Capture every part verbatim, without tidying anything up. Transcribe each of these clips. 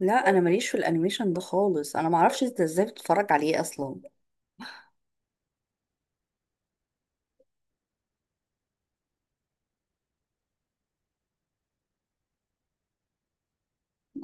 لا انا ماليش في الانيميشن ده خالص، انا معرفش انت ازاي بتتفرج عليه اصلا.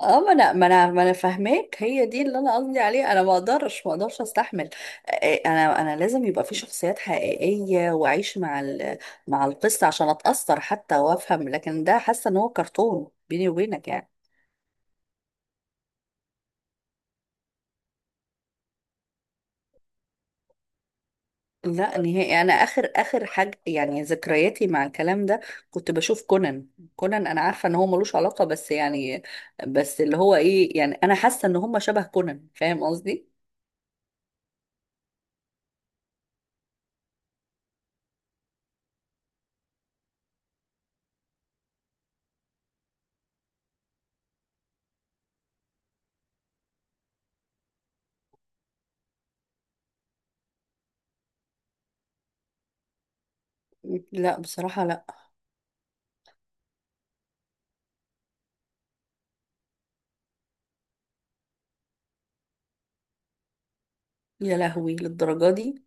اه، ما انا ما انا ما انا فاهماك، هي دي اللي انا قصدي عليه. انا ما اقدرش ما اقدرش استحمل. آه، آه، انا انا لازم يبقى في شخصيات حقيقيه واعيش مع ال- مع القصه عشان اتاثر حتى وافهم، لكن ده حاسه ان هو كرتون، بيني وبينك يعني. لا نهائي، انا اخر اخر حاجه يعني ذكرياتي مع الكلام ده كنت بشوف كونان. كونان انا عارفه ان هو ملوش علاقه، بس يعني بس اللي هو ايه، يعني انا حاسه ان هم شبه كونان، فاهم قصدي؟ لا بصراحه لا. يا لهوي، للدرجه دي؟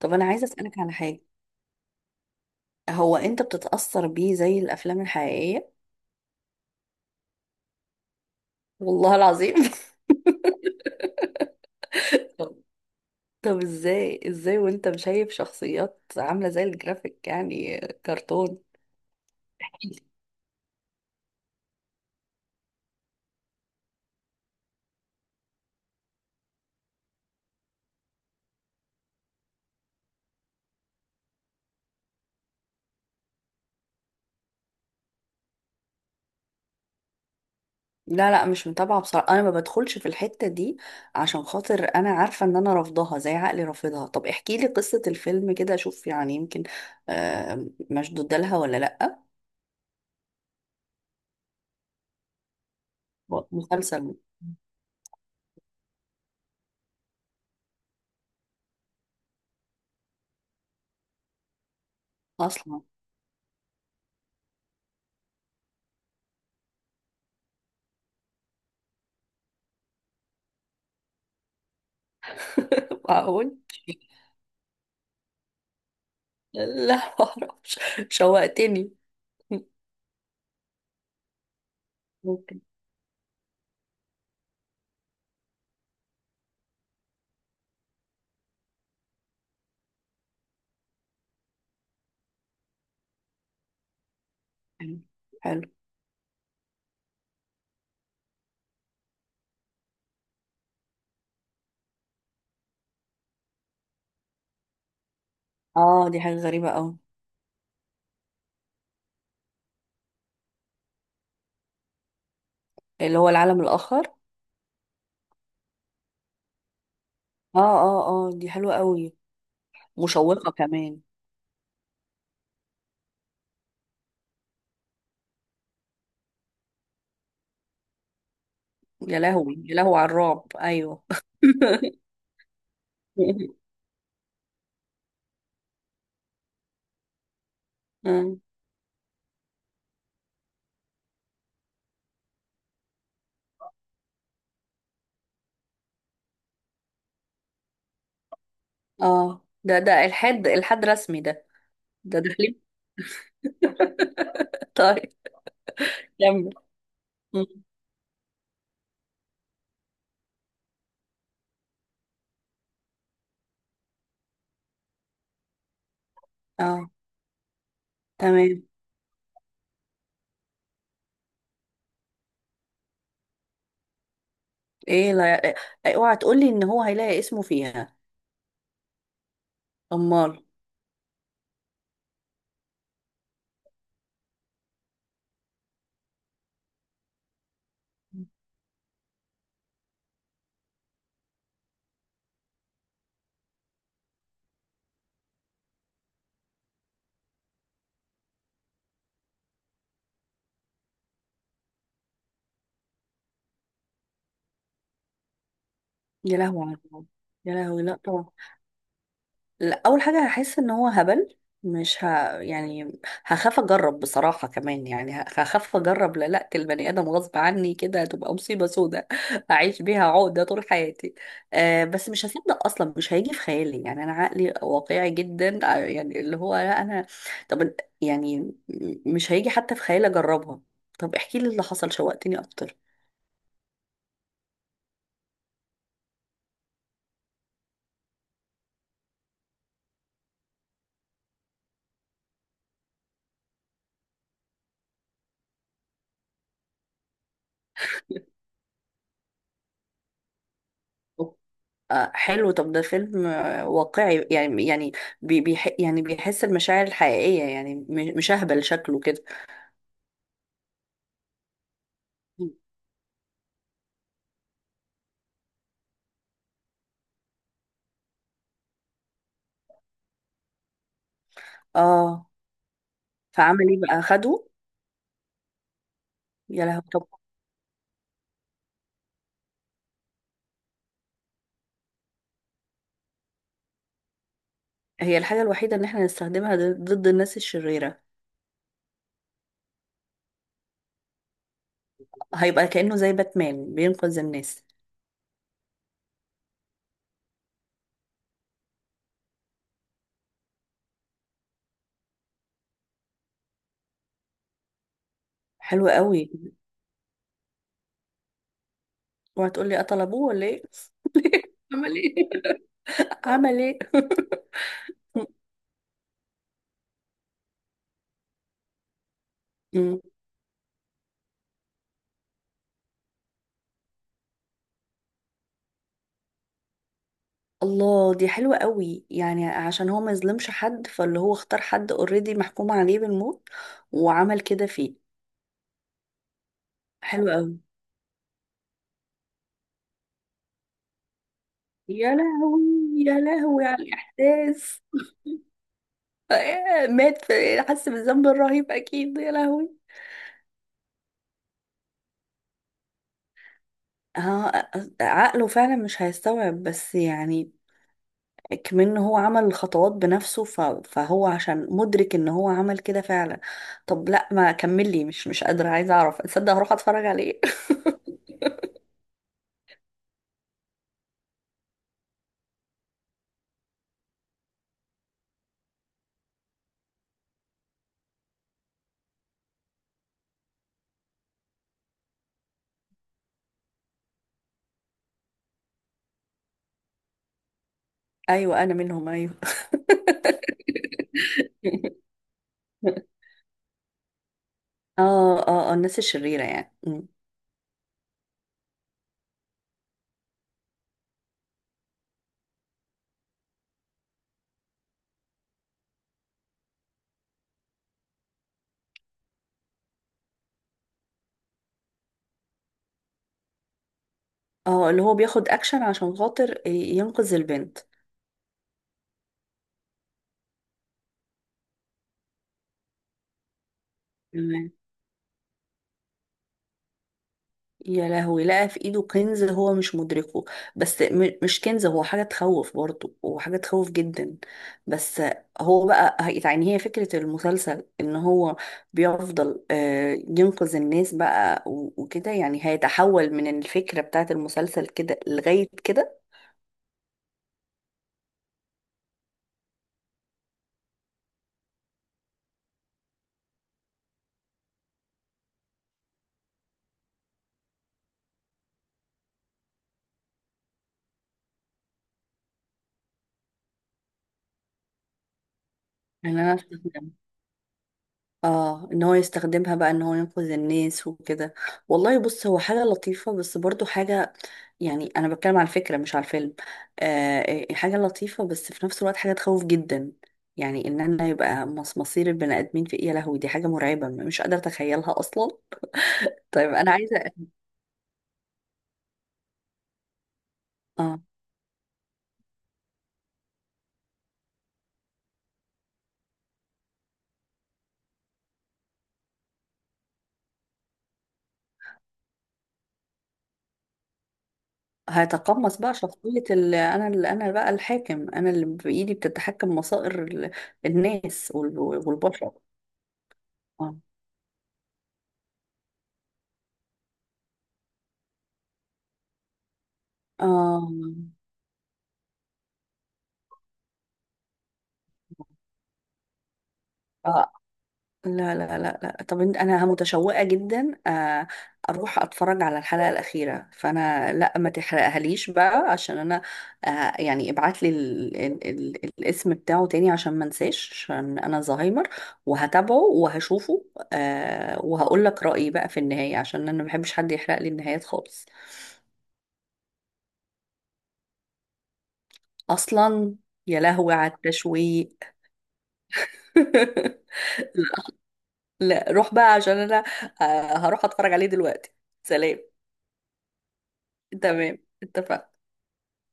طب انا عايزه اسالك على حاجه، هو انت بتتاثر بيه زي الافلام الحقيقيه؟ والله العظيم طب، طب ازاي ازاي وانت شايف شخصيات عامله زي الجرافيك، يعني كرتون؟ لا لا، مش متابعة بصراحة، أنا ما بدخلش في الحتة دي عشان خاطر أنا عارفة إن أنا رافضاها، زي عقلي رافضها. طب احكي لي قصة الفيلم كده أشوف، يعني يمكن آه، مشدودة لها ولا لأ. مسلسل. أصلا. معقول. لا معرفش. شوقتني. ممكن. حلو. حلو. اه دي حاجة غريبة أوي. اللي هو العالم الآخر. اه اه اه، دي حلوة أوي. مشوقة كمان. يا لهوي يا لهوي على الرعب، أيوه. آه. اه، ده ده الحد، الحد رسمي ده، ده دخلين. طيب، كمل. مم. اه. تمام. ايه، لا إيه، اوعى تقولي ان هو هيلاقي اسمه فيها. امال. يا لهوي على الرعب. يا لهوي، لا طبعا. لا، اول حاجه هحس ان هو هبل، مش ه... يعني هخاف اجرب بصراحه، كمان يعني ه- هخاف اجرب للاقة البني ادم غصب عني كده، هتبقى مصيبه سودة اعيش بيها عقده طول حياتي. أه بس مش هصدق اصلا، مش هيجي في خيالي، يعني انا عقلي واقعي جدا، آه، يعني اللي هو لا انا، طب يعني مش هيجي حتى في خيالي اجربها. طب احكي لي اللي حصل، شوقتني اكتر. آه حلو، طب ده فيلم آه، واقعي، يعني يعني بي بيح يعني بيحس المشاعر الحقيقية، يعني م- مش أهبل شكله كده. اه، فعمل ايه بقى، خده؟ يا لهوي، طب هي الحاجة الوحيدة ان احنا نستخدمها ضد ضد الناس الشريرة. هيبقى كأنه زي باتمان بينقذ الناس. حلو قوي. اوعى تقول لي قتل ابوه ولا ايه. عمل ايه؟ لا، عمل ايه؟ مم. الله، دي حلوة قوي، يعني عشان هو ما يظلمش حد، فاللي هو اختار حد اوريدي محكوم عليه بالموت وعمل كده فيه. حلو قوي. يا لهوي، يا لهوي على الإحساس. آه، مات، في حس بالذنب الرهيب أكيد، يا لهوي. ها، عقله فعلا مش هيستوعب، بس يعني كمان هو عمل الخطوات بنفسه ف... فهو عشان مدرك ان هو عمل كده فعلا. طب لا ما كمل لي، مش مش قادرة، عايزة اعرف، تصدق هروح اتفرج عليه. ايوه انا منهم، ايوه. اه اه اه، الناس الشريرة يعني. مم. اه اللي هو بياخد اكشن عشان خاطر ي- ينقذ البنت. تمام. يا لهوي، لقى في ايده كنز هو مش مدركه، بس م- مش كنز، هو حاجة تخوف برضه، وحاجة تخوف جدا. بس هو بقى هي- يعني هي فكرة المسلسل ان هو بيفضل آه، ينقذ الناس بقى و- وكده، يعني هيتحول من الفكرة بتاعت المسلسل كده لغاية كده؟ ان انا استسلمت. اه، ان هو يستخدمها بقى ان هو ينقذ الناس وكده. والله بص، هو حاجة لطيفة بس برضو حاجة، يعني انا بتكلم على الفكرة مش على الفيلم، آه إيه، حاجة لطيفة بس في نفس الوقت حاجة تخوف جدا، يعني ان انا يبقى مص- مصير البني ادمين في ايه؟ يا لهوي، دي حاجة مرعبة، مش قادرة اتخيلها اصلا. طيب انا عايزة. اه. هيتقمص بقى شخصية ال... انا ال... انا بقى الحاكم، انا اللي بايدي بتتحكم مصائر ال... الناس وال... والبشر. اه. اه. آه، لا لا لا لا، طب إنت- انا متشوقه جدا، آه، اروح اتفرج على الحلقه الاخيره، فانا لا ما تحرقهاليش بقى عشان انا، آه، يعني ابعت لي ال... ال... ال... الاسم بتاعه تاني عشان ما انساش، عشان انا زهايمر، وهتابعه وهشوفه، آه، وهقول لك رايي بقى في النهايه، عشان انا ما بحبش حد يحرق لي النهايات خالص. اصلا. يا لهوي على التشويق. لا روح بقى، عشان انا آه، هروح اتفرج عليه دلوقتي. سلام. تمام، اتفقنا.